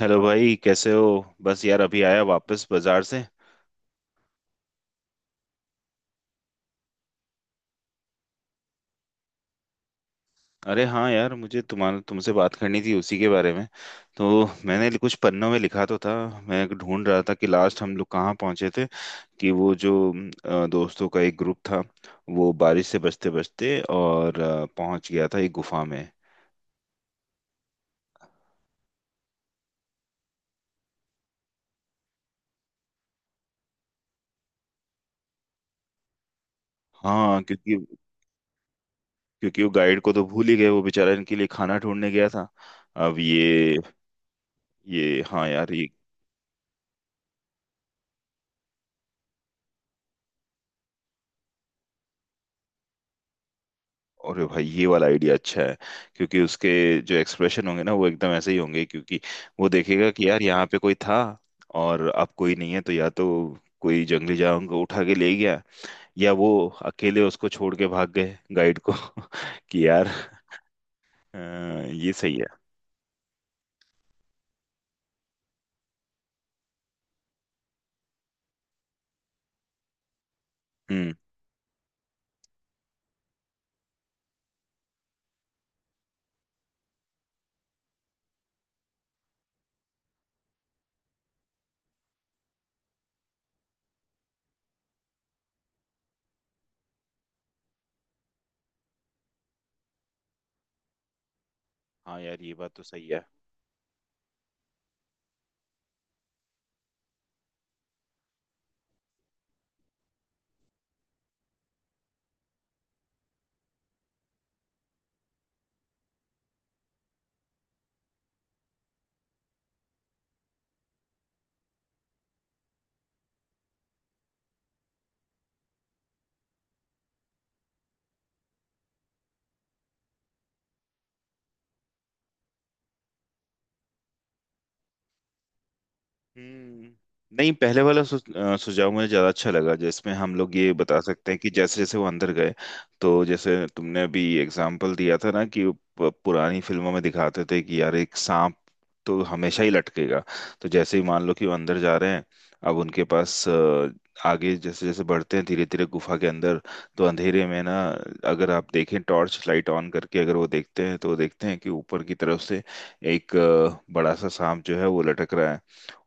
Hello भाई, कैसे हो। बस यार, अभी आया वापस बाजार से। अरे हाँ यार, मुझे तुम्हारा तुमसे बात करनी थी उसी के बारे में। तो मैंने कुछ पन्नों में लिखा तो था। मैं ढूंढ रहा था कि लास्ट हम लोग कहाँ पहुँचे थे, कि वो जो दोस्तों का एक ग्रुप था, वो बारिश से बचते बचते और पहुंच गया था एक गुफा में। हाँ। क्योंकि क्योंकि वो गाइड को तो भूल ही गए, वो बेचारा इनके लिए खाना ढूंढने गया था। अब ये हाँ यार, ये और भाई ये वाला आइडिया अच्छा है। क्योंकि उसके जो एक्सप्रेशन होंगे ना, वो एकदम ऐसे ही होंगे, क्योंकि वो देखेगा कि यार यहाँ पे कोई था और अब कोई नहीं है। तो या तो कोई जंगली जानवर को उठा के ले गया, या वो अकेले उसको छोड़ के भाग गए गाइड को। कि यार, अ, ये सही है। हम्म। हाँ यार, ये बात तो सही है। हम्म, नहीं, पहले वाला सुझाव मुझे ज्यादा अच्छा लगा, जिसमें हम लोग ये बता सकते हैं कि जैसे जैसे वो अंदर गए। तो जैसे तुमने अभी एग्जाम्पल दिया था ना, कि पुरानी फिल्मों में दिखाते थे कि यार एक सांप तो हमेशा ही लटकेगा। तो जैसे ही मान लो कि वो अंदर जा रहे हैं, अब उनके पास आगे जैसे जैसे बढ़ते हैं धीरे धीरे गुफा के अंदर, तो अंधेरे में ना अगर आप देखें, टॉर्च लाइट ऑन करके अगर वो देखते हैं, तो वो देखते हैं कि ऊपर की तरफ से एक बड़ा सा सांप जो है वो लटक रहा है।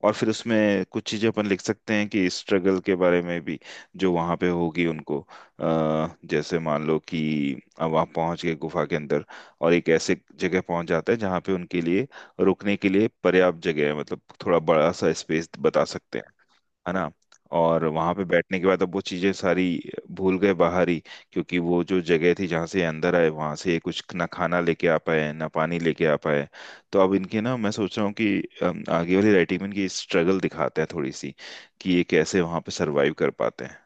और फिर उसमें कुछ चीजें अपन लिख सकते हैं कि स्ट्रगल के बारे में भी, जो वहां पे होगी उनको। जैसे मान लो कि अब वहां पहुंच गए गुफा के अंदर, और एक ऐसे जगह पहुंच जाते हैं जहाँ पे उनके लिए रुकने के लिए पर्याप्त जगह है, मतलब थोड़ा बड़ा सा स्पेस बता सकते हैं, है ना। और वहां पे बैठने के बाद अब वो चीजें सारी भूल गए बाहर ही, क्योंकि वो जो जगह थी जहाँ से ये अंदर आए, वहां से ये कुछ ना खाना लेके आ पाए, ना पानी लेके आ पाए। तो अब इनके ना, मैं सोच रहा हूँ कि आगे वाली राइटिंग में इनकी स्ट्रगल दिखाते हैं थोड़ी सी, कि ये कैसे वहां पे सरवाइव कर पाते हैं।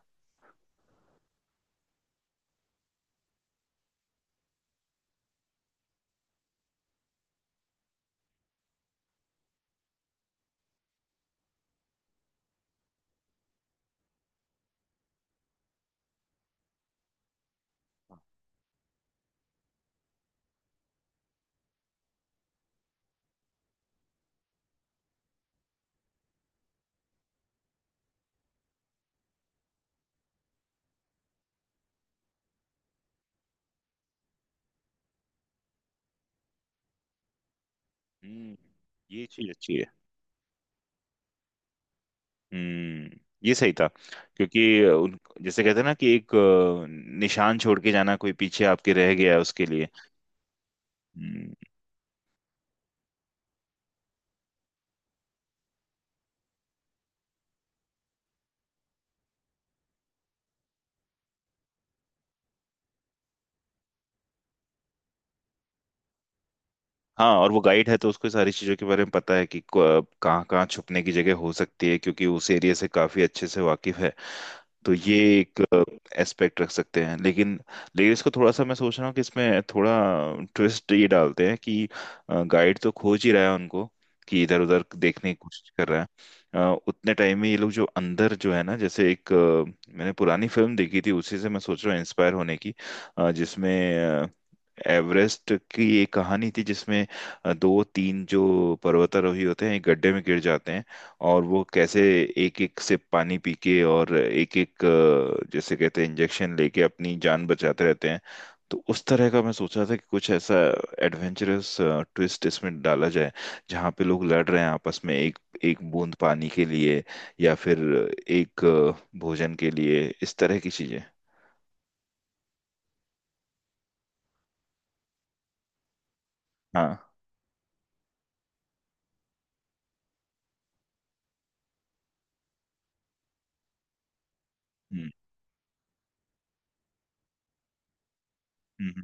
हम्म। ये चीज अच्छी है। हम्म। ये सही था। क्योंकि उन जैसे कहते हैं ना, कि एक निशान छोड़ के जाना, कोई पीछे आपके रह गया है उसके लिए। हम्म। हाँ, और वो गाइड है तो उसको सारी चीजों के बारे में पता है कि कहाँ कहाँ छुपने की जगह हो सकती है, क्योंकि उस एरिया से काफी अच्छे से वाकिफ है। तो ये एक एस्पेक्ट रख सकते हैं, लेकिन लेकिन इसको थोड़ा सा मैं सोच रहा हूँ कि इसमें थोड़ा ट्विस्ट ये डालते हैं कि गाइड तो खोज ही रहा है उनको, कि इधर उधर देखने की कोशिश कर रहा है। उतने टाइम में ये लोग जो अंदर जो है ना, जैसे एक मैंने पुरानी फिल्म देखी थी, उसी से मैं सोच रहा हूँ इंस्पायर होने की। जिसमें अ, एवरेस्ट की एक कहानी थी, जिसमें दो तीन जो पर्वतारोही होते हैं एक गड्ढे में गिर जाते हैं, और वो कैसे एक एक सिप पानी पी के, और एक एक जैसे कहते हैं इंजेक्शन लेके अपनी जान बचाते रहते हैं। तो उस तरह का मैं सोच रहा था कि कुछ ऐसा एडवेंचरस ट्विस्ट इसमें डाला जाए, जहाँ पे लोग लड़ रहे हैं आपस में एक एक बूंद पानी के लिए, या फिर एक भोजन के लिए, इस तरह की चीजें। हाँ। हम्म। हम्म।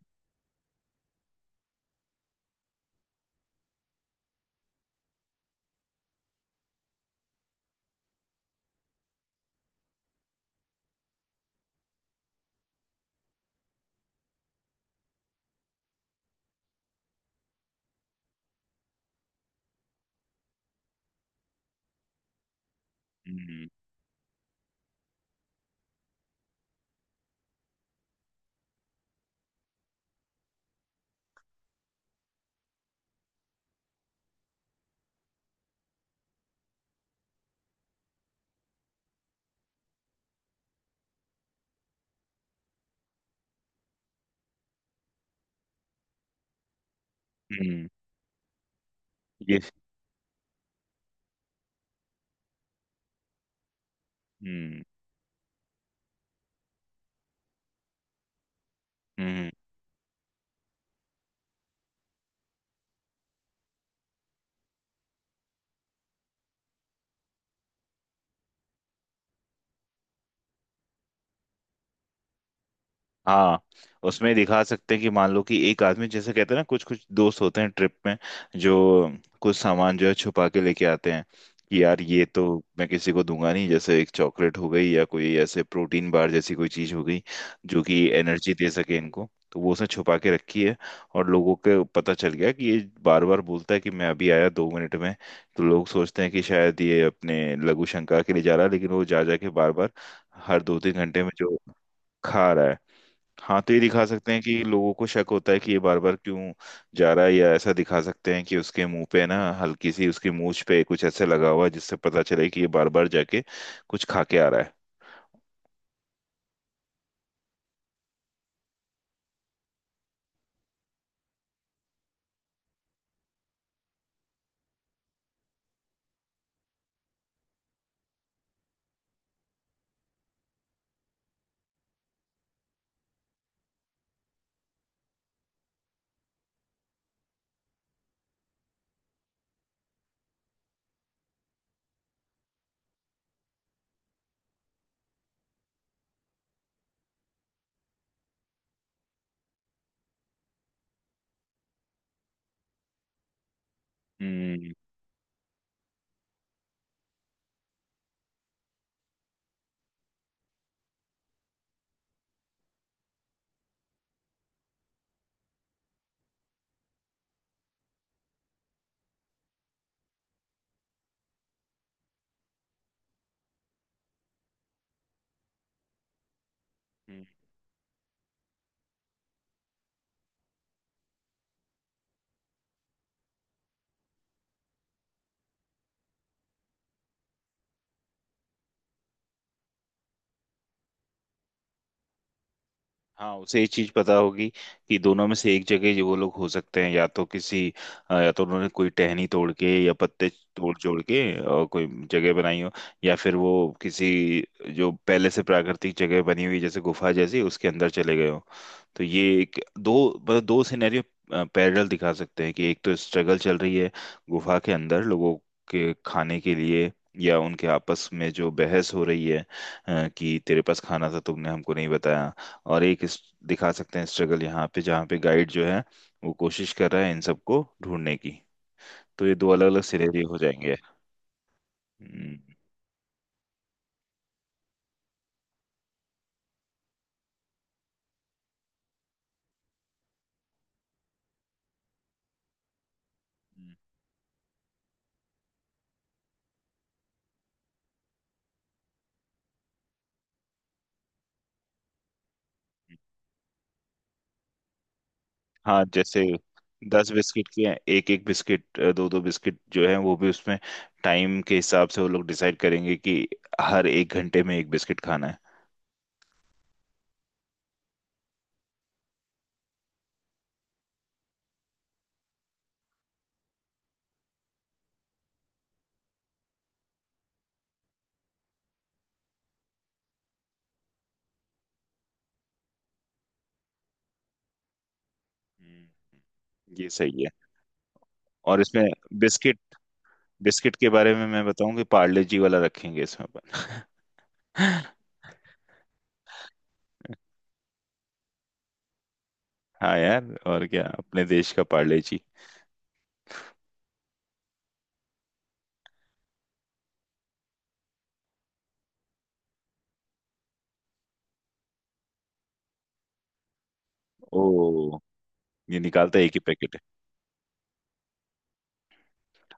हम्म। हम्म। ये हम्म। हम्म। हाँ, उसमें दिखा सकते हैं कि मान लो कि एक आदमी, जैसे कहते हैं ना, कुछ कुछ दोस्त होते हैं ट्रिप में जो कुछ सामान जो है छुपा के लेके आते हैं, कि यार ये तो मैं किसी को दूंगा नहीं। जैसे एक चॉकलेट हो गई, या कोई ऐसे प्रोटीन बार जैसी कोई चीज हो गई जो कि एनर्जी दे सके इनको, तो वो उसने छुपा के रखी है। और लोगों को पता चल गया कि ये बार बार बोलता है कि मैं अभी आया 2 मिनट में। तो लोग सोचते हैं कि शायद ये अपने लघु शंका के लिए जा रहा है, लेकिन वो जा जा के बार बार, हर 2-3 घंटे में जो खा रहा है। हाँ, तो ये दिखा सकते हैं कि लोगों को शक होता है कि ये बार बार क्यों जा रहा है, या ऐसा दिखा सकते हैं कि उसके मुंह पे ना हल्की सी उसकी मूछ पे कुछ ऐसे लगा हुआ है जिससे पता चले कि ये बार बार जाके कुछ खा के आ रहा है। हम्म। हम्म। हाँ, उसे ये चीज पता होगी कि दोनों में से एक जगह जो वो लोग हो सकते हैं, या तो किसी या तो उन्होंने कोई टहनी तोड़ के या पत्ते तोड़ जोड़ के और कोई जगह बनाई हो, या फिर वो किसी जो पहले से प्राकृतिक जगह बनी हुई जैसे गुफा जैसी उसके अंदर चले गए हो। तो ये एक दो, मतलब दो सिनेरियो पैरेलल दिखा सकते हैं, कि एक तो स्ट्रगल चल रही है गुफा के अंदर लोगों के खाने के लिए, या उनके आपस में जो बहस हो रही है, कि तेरे पास खाना था तुमने हमको नहीं बताया। और एक दिखा सकते हैं स्ट्रगल यहाँ पे जहाँ पे गाइड जो है, वो कोशिश कर रहा है इन सबको ढूंढने की। तो ये दो अलग अलग सिनेरियो हो जाएंगे। हम्म। हाँ, जैसे 10 बिस्किट के एक एक बिस्किट दो दो बिस्किट जो है वो भी उसमें, टाइम के हिसाब से वो लोग डिसाइड करेंगे कि हर 1 घंटे में एक बिस्किट खाना है। हम्म। ये सही है। और इसमें बिस्किट, बिस्किट के बारे में मैं बताऊं, कि पार्ले जी वाला रखेंगे इसमें अपन। हाँ यार, और क्या, अपने देश का पार्ले जी। ओ, ये निकालता है एक ही पैकेट है।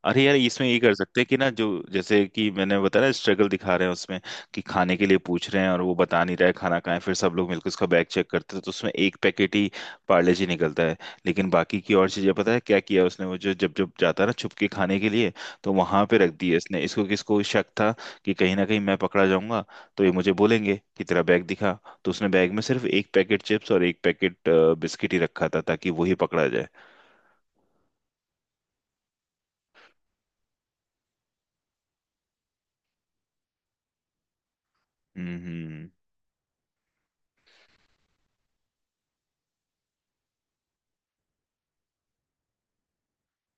अरे यार, इसमें ये कर सकते हैं कि ना, जो जैसे कि मैंने बताया ना, स्ट्रगल दिखा रहे हैं उसमें कि खाने के लिए पूछ रहे हैं और वो बता नहीं रहा है खाना कहाँ है, फिर सब लोग मिलकर उसका बैग चेक करते हैं, तो उसमें एक पैकेट ही पार्ले जी निकलता है। लेकिन बाकी की और चीजें पता है क्या किया उसने, वो जो जब जब जाता है ना छुप के खाने के लिए, तो वहां पे रख दिए इसने, इसको किसको शक था कि कहीं ना कहीं मैं पकड़ा जाऊंगा, तो ये मुझे बोलेंगे कि तेरा बैग दिखा। तो उसने बैग में सिर्फ एक पैकेट चिप्स और एक पैकेट बिस्किट ही रखा था ताकि वो ही पकड़ा जाए। हम्म।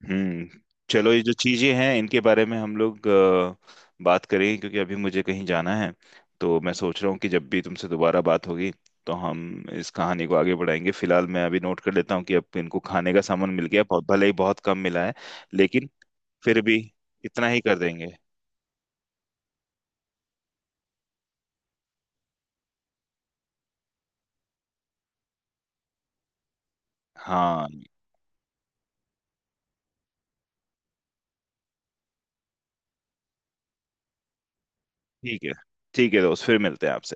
हम्म। चलो, ये जो चीजें हैं इनके बारे में हम लोग बात करेंगे, क्योंकि अभी मुझे कहीं जाना है। तो मैं सोच रहा हूँ कि जब भी तुमसे दोबारा बात होगी, तो हम इस कहानी को आगे बढ़ाएंगे। फिलहाल मैं अभी नोट कर लेता हूँ कि अब इनको खाने का सामान मिल गया, बहुत भले ही बहुत कम मिला है, लेकिन फिर भी इतना ही कर देंगे। हाँ, ठीक है। ठीक है दोस्त, फिर मिलते हैं आपसे।